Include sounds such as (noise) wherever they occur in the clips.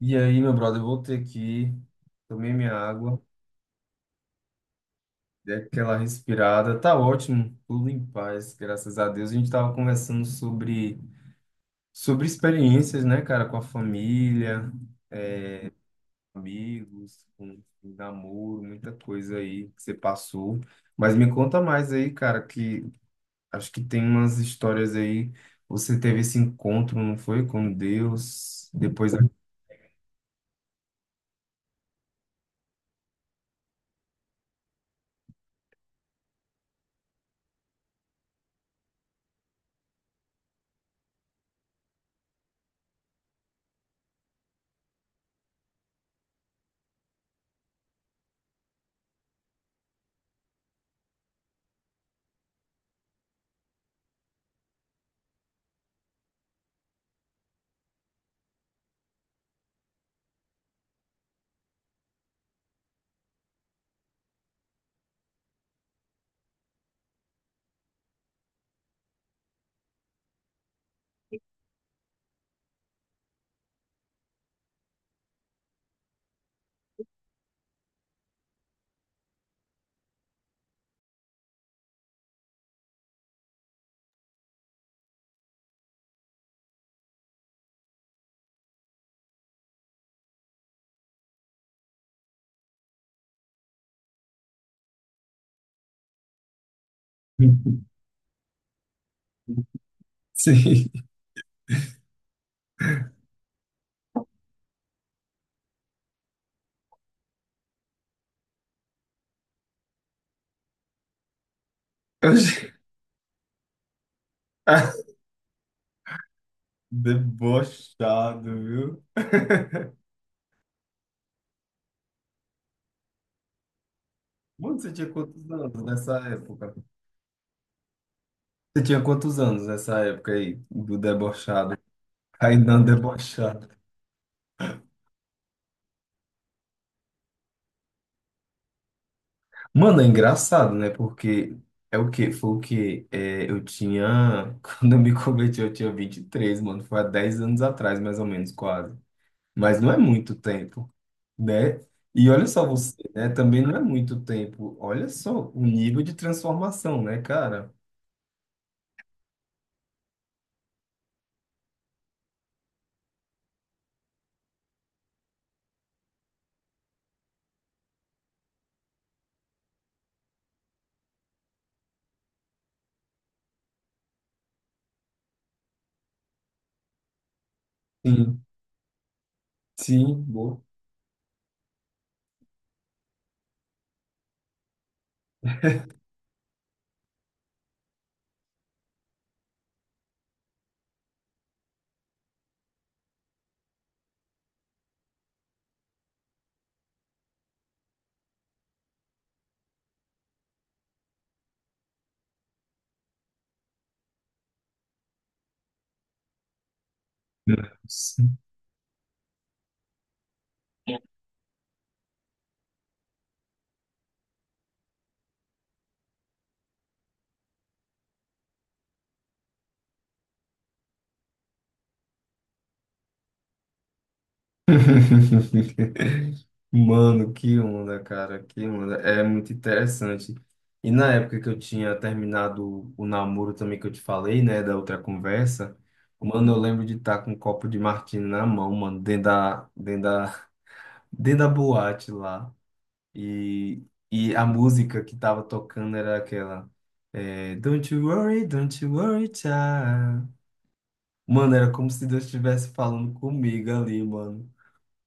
E aí, meu brother, eu voltei aqui, tomei minha água, dei aquela respirada, tá ótimo, tudo em paz, graças a Deus. A gente tava conversando sobre experiências, né, cara, com a família, amigos, com namoro, muita coisa aí que você passou. Mas me conta mais aí, cara, que acho que tem umas histórias aí. Você teve esse encontro, não foi? Com Deus, depois. (laughs) Sim. Eu (laughs) Debochado, viu? Mano, você tinha quantos anos nessa época? Você tinha quantos anos nessa época aí do debochado? Kainan debochado. Mano, é engraçado, né? Porque é o quê? Foi o quê? É, eu tinha. (laughs) Quando eu me converti, eu tinha 23, mano. Foi há 10 anos atrás, mais ou menos, quase. Mas não é muito tempo, né? E olha só você, né? Também não é muito tempo. Olha só o nível de transformação, né, cara? Sim, sim, boa. (laughs) Mano, que onda, cara, que onda. É muito interessante. E na época que eu tinha terminado o namoro também que eu te falei, né, da outra conversa, mano, eu lembro de estar com um copo de martini na mão, mano, dentro da, (laughs) dentro da boate lá. E, e a música que tava tocando era aquela, é, don't you worry, child. Mano, era como se Deus estivesse falando comigo ali, mano.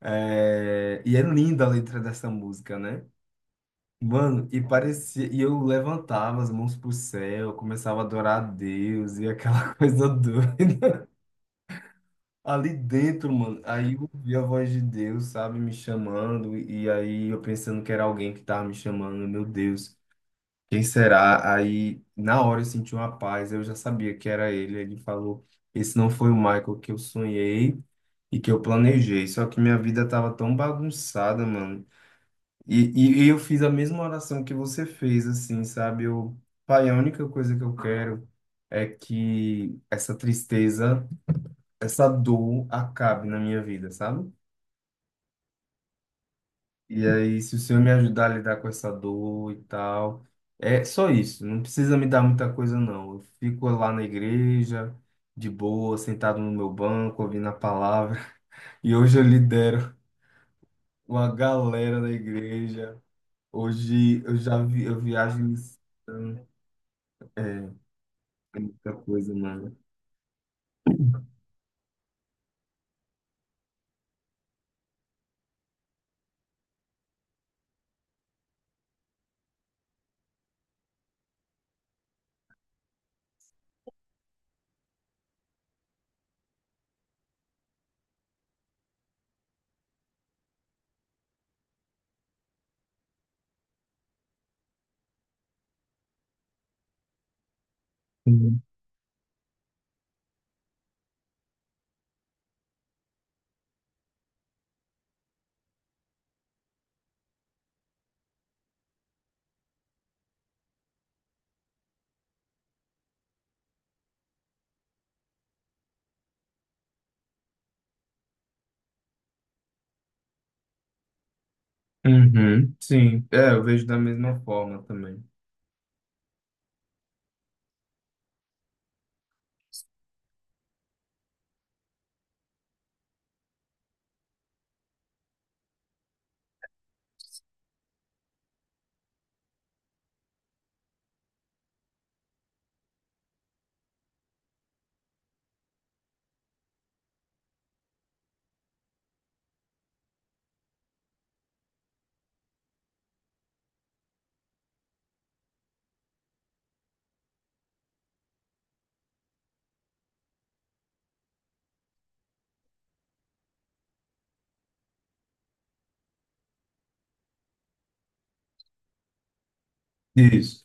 É, E é linda a letra dessa música, né? Mano, e parecia. E eu levantava as mãos pro céu, começava a adorar a Deus e aquela (laughs) coisa doida. Ali dentro, mano, aí eu ouvi a voz de Deus, sabe, me chamando, e aí eu pensando que era alguém que tava me chamando, meu Deus, quem será? Aí na hora eu senti uma paz, eu já sabia que era ele. Ele falou: Esse não foi o Michael que eu sonhei e que eu planejei, só que minha vida tava tão bagunçada, mano. E eu fiz a mesma oração que você fez, assim, sabe? Eu, pai, a única coisa que eu quero é que essa tristeza, essa dor acabe na minha vida, sabe? E aí, se o Senhor me ajudar a lidar com essa dor e tal, é só isso, não precisa me dar muita coisa, não. Eu fico lá na igreja, de boa, sentado no meu banco, ouvindo a palavra, (laughs) e hoje eu lidero uma galera da igreja. Hoje eu já vi, eu viajo em missão. É, é muita coisa, mano. Uhum. Uhum, sim, é, eu vejo da mesma forma também. Isso.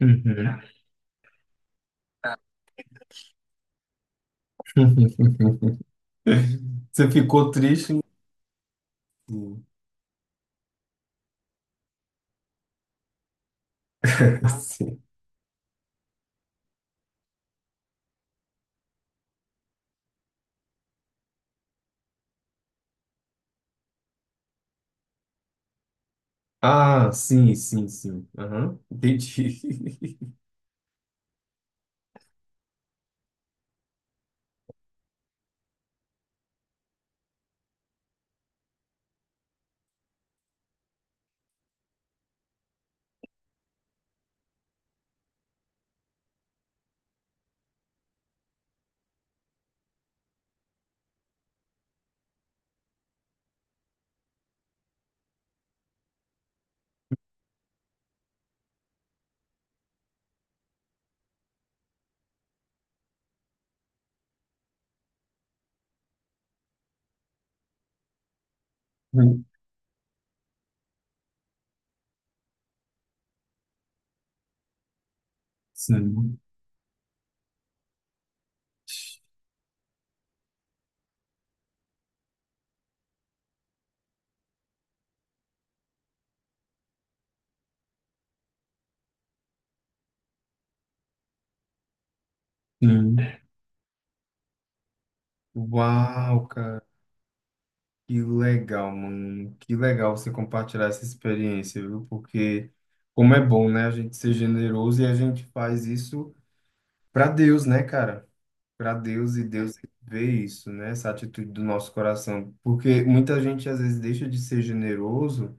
Uhum. (laughs) Você ficou triste? Em- Sim. Ah, sim, sim, sim. Aham, entendi. (laughs) Sim, sim. Uau, cara, que legal, mano. Que legal você compartilhar essa experiência, viu? Porque como é bom, né? A gente ser generoso e a gente faz isso pra Deus, né, cara? Para Deus e Deus vê isso, né? Essa atitude do nosso coração, porque muita gente às vezes deixa de ser generoso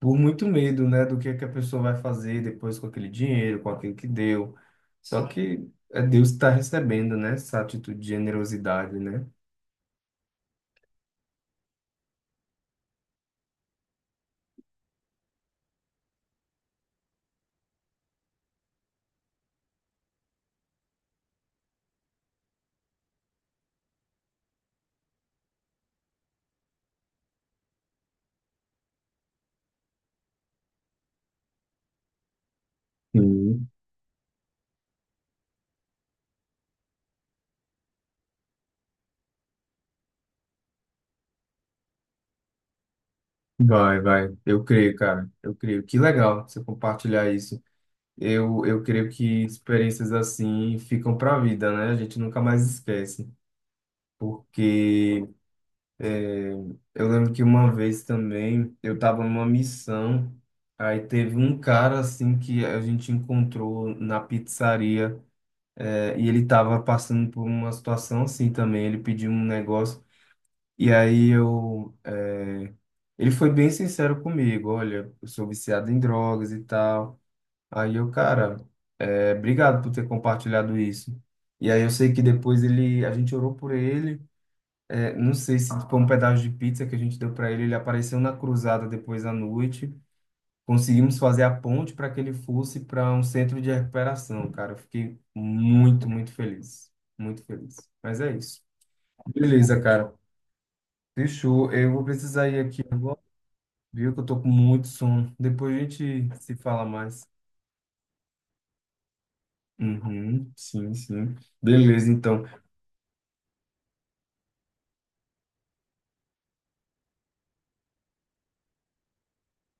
por muito medo, né, do que é que a pessoa vai fazer depois com aquele dinheiro, com aquilo que deu. Só que é Deus que está recebendo, né, essa atitude de generosidade, né? Sim. Vai, vai. Eu creio, cara. Eu creio. Que legal você compartilhar isso. Eu creio que experiências assim ficam para a vida, né? A gente nunca mais esquece, porque é, eu lembro que uma vez também eu estava numa missão, aí teve um cara assim que a gente encontrou na pizzaria, é, e ele estava passando por uma situação assim também, ele pediu um negócio, e aí eu, é, ele foi bem sincero comigo, olha, eu sou viciado em drogas e tal. Aí eu, cara, é, obrigado por ter compartilhado isso. E aí eu sei que depois ele, a gente orou por ele. É, não sei se foi um pedaço de pizza que a gente deu para ele. Ele apareceu na cruzada depois à noite. Conseguimos fazer a ponte para que ele fosse para um centro de recuperação, cara. Eu fiquei muito, muito feliz. Muito feliz. Mas é isso. Beleza, cara. Fechou. Eu vou precisar ir aqui agora, viu? Que eu tô com muito sono. Depois a gente se fala mais. Uhum, sim, sim. Beleza, então.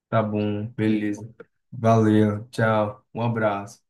Tá bom. Beleza. Valeu. Tchau. Um abraço.